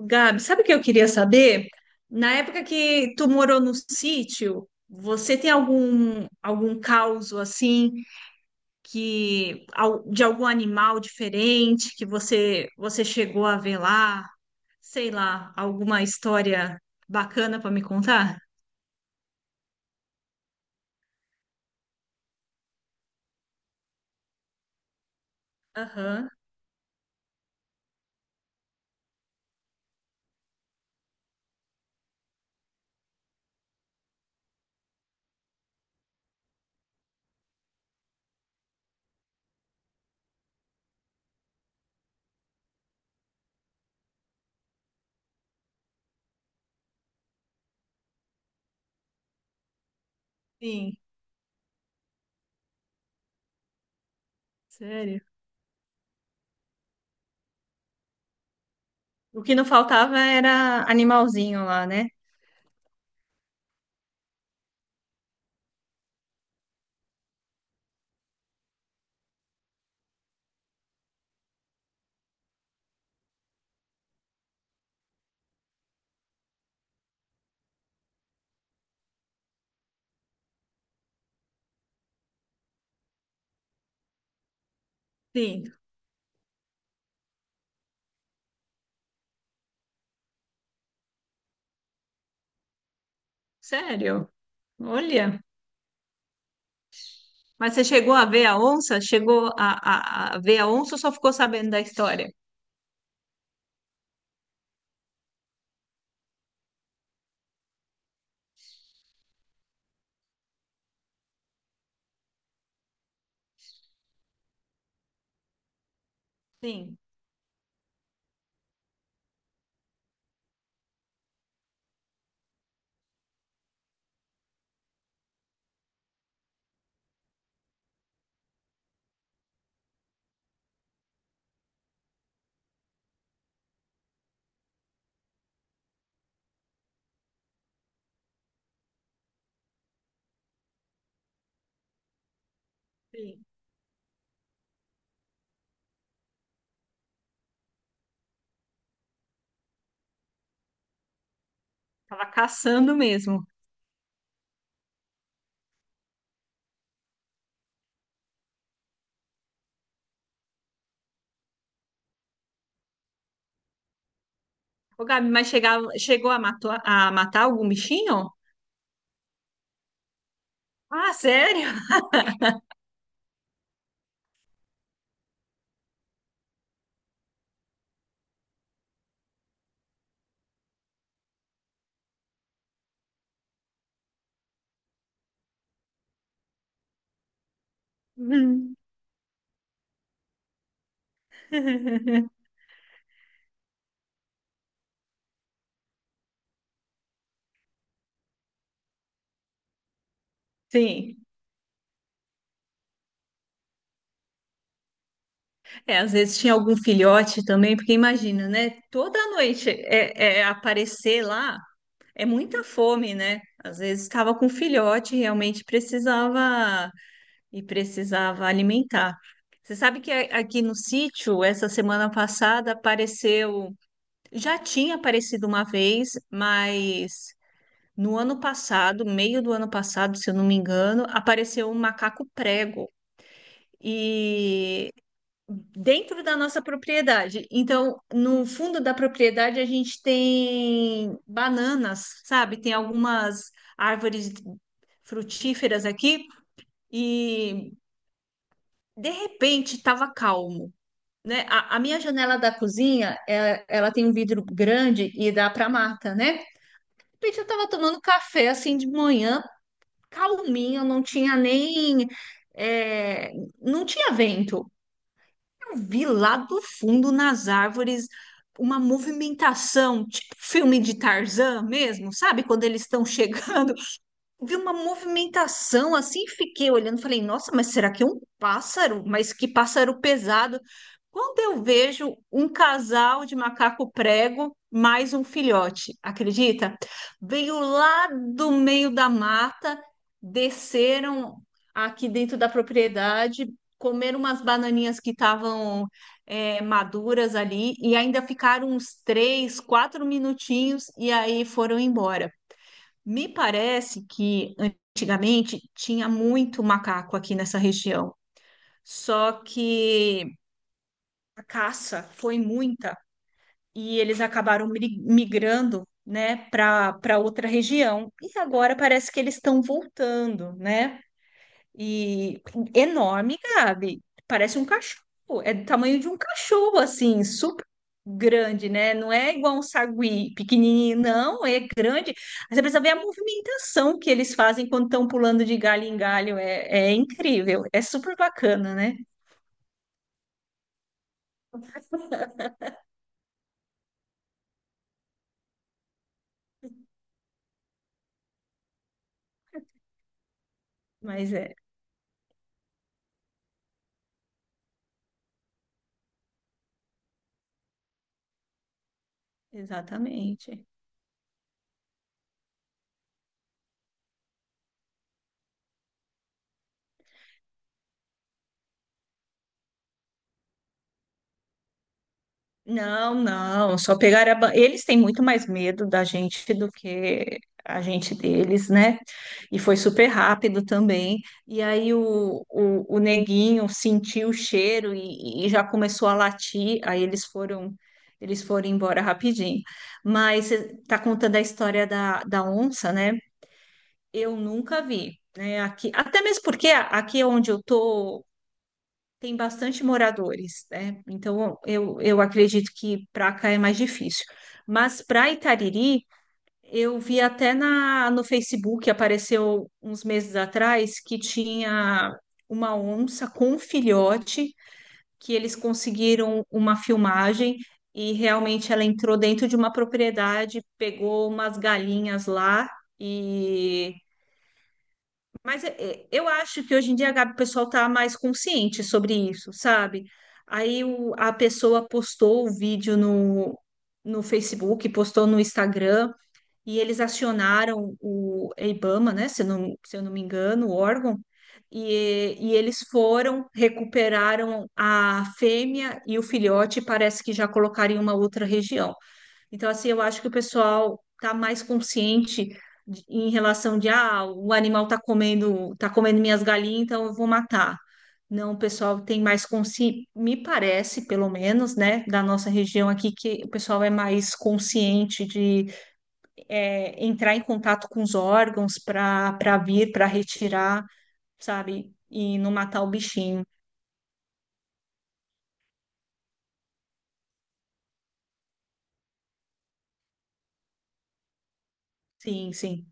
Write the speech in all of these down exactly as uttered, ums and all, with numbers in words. Gabi, sabe o que eu queria saber? Na época que tu morou no sítio, você tem algum algum causo assim que al- de algum animal diferente que você você chegou a ver lá? Sei lá, alguma história bacana para me contar? Aham, sim, sério. O que não faltava era animalzinho lá, né? Sim, sério. Olha. Mas você chegou a ver a onça? Chegou a, a, a ver a onça ou só ficou sabendo da história? Sim, sim. Tava caçando mesmo. Ô, Gabi, mas chegava, chegou a, matou- a matar algum bichinho? Ah, sério? Uhum. Sim. É, às vezes tinha algum filhote também, porque imagina, né? Toda noite é, é aparecer lá é muita fome, né? Às vezes estava com filhote, realmente precisava e precisava alimentar. Você sabe que a- aqui no sítio, essa semana passada, apareceu. Já tinha aparecido uma vez, mas no ano passado, meio do ano passado, se eu não me engano, apareceu um macaco prego. E dentro da nossa propriedade. Então, no fundo da propriedade, a gente tem bananas, sabe? Tem algumas árvores frutíferas aqui. E De repente, estava calmo, né? A, a minha janela da cozinha, ela, ela tem um vidro grande e dá para mata, né? De repente, eu estava tomando café assim de manhã, calminho, não tinha nem, é, não tinha vento. Eu vi lá do fundo nas árvores uma movimentação, tipo filme de Tarzan mesmo, sabe? Quando eles estão chegando vi uma movimentação assim, fiquei olhando, falei, nossa, mas será que é um pássaro? Mas que pássaro pesado. Quando eu vejo um casal de macaco prego mais um filhote, acredita? Veio lá do meio da mata, desceram aqui dentro da propriedade, comeram umas bananinhas que estavam é, maduras ali e ainda ficaram uns três, quatro minutinhos e aí foram embora. Me parece que antigamente tinha muito macaco aqui nessa região, só que a caça foi muita e eles acabaram mri- migrando, né, para para outra região. E agora parece que eles estão voltando, né? E enorme, Gabi. Parece um cachorro. É do tamanho de um cachorro, assim, super grande, né? Não é igual um sagui pequenininho, não. É grande. Aí você precisa ver a movimentação que eles fazem quando estão pulando de galho em galho. É, é incrível. É super bacana, né? Mas é, exatamente. Não, não, só pegar a... ba- Eles têm muito mais medo da gente do que a gente deles, né? E foi super rápido também. E aí o, o, o neguinho sentiu o cheiro e, e já começou a latir. Aí eles foram eles foram embora rapidinho. Mas você tá contando a história da, da onça, né? Eu nunca vi, né? Aqui, até mesmo porque aqui é onde eu tô tem bastante moradores, né? Então eu, eu acredito que para cá é mais difícil. Mas para Itariri, eu vi até na, no Facebook, apareceu uns meses atrás, que tinha uma onça com um filhote, que eles conseguiram uma filmagem e realmente ela entrou dentro de uma propriedade, pegou umas galinhas lá. E mas é- é, eu acho que hoje em dia, Gabi, o pessoal está mais consciente sobre isso, sabe? Aí o- a pessoa postou o vídeo no, no Facebook, postou no Instagram, e eles acionaram o IBAMA, né? Se eu não, se eu não me engano, o órgão, e, e eles foram, recuperaram a fêmea e o filhote, e parece que já colocaram em uma outra região. Então, assim, eu acho que o pessoal tá mais consciente de- em relação de, ah, o animal tá comendo, tá comendo minhas galinhas, então eu vou matar. Não, o pessoal tem mais consciência, me parece, pelo menos, né, da nossa região aqui, que o pessoal é mais consciente de é, entrar em contato com os órgãos para para vir, para retirar, sabe, e não matar o bichinho. Sim, sim,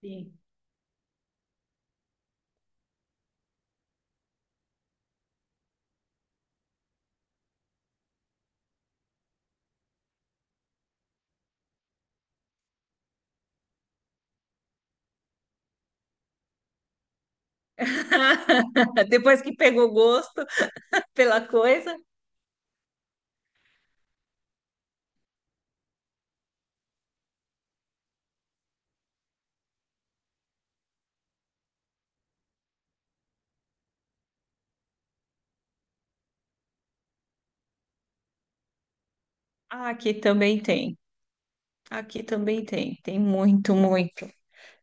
sim. Depois que pegou gosto pela coisa, ah, aqui também tem. Aqui também tem, tem muito, muito.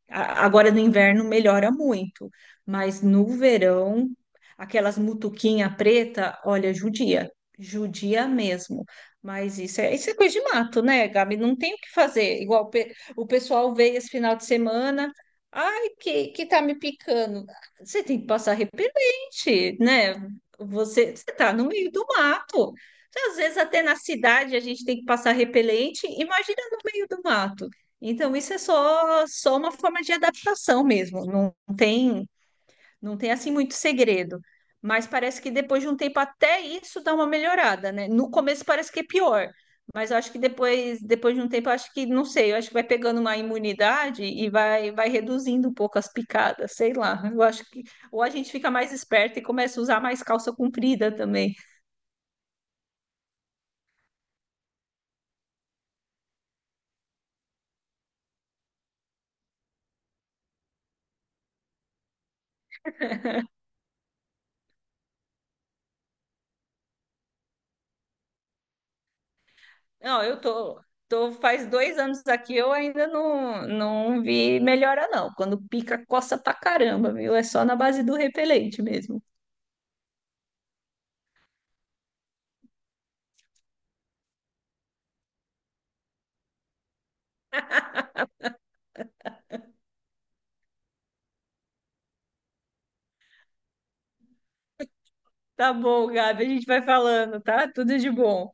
A- Agora no inverno melhora muito, mas no verão, aquelas mutuquinha preta, olha, judia, judia mesmo. Mas isso é, isso é coisa de mato, né, Gabi? Não tem o que fazer. Igual o pe- o pessoal veio esse final de semana, ai, que, que tá me picando. Você tem que passar repelente, né? Você, você tá no meio do mato. Às vezes até na cidade a gente tem que passar repelente, imagina no meio do mato. Então, isso é só, só uma forma de adaptação mesmo. Não tem, não tem assim muito segredo. Mas parece que depois de um tempo até isso dá uma melhorada, né? No começo parece que é pior, mas eu acho que depois, depois de um tempo, eu acho que, não sei, eu acho que vai pegando uma imunidade e vai, vai reduzindo um pouco as picadas, sei lá. Eu acho que ou a gente fica mais esperto e começa a usar mais calça comprida também. Não, eu tô, Tô faz dois anos aqui, eu ainda não, não vi melhora, não. Quando pica, coça pra caramba, viu? É só na base do repelente mesmo. Tá bom, Gabi, a gente vai falando, tá? Tudo de bom.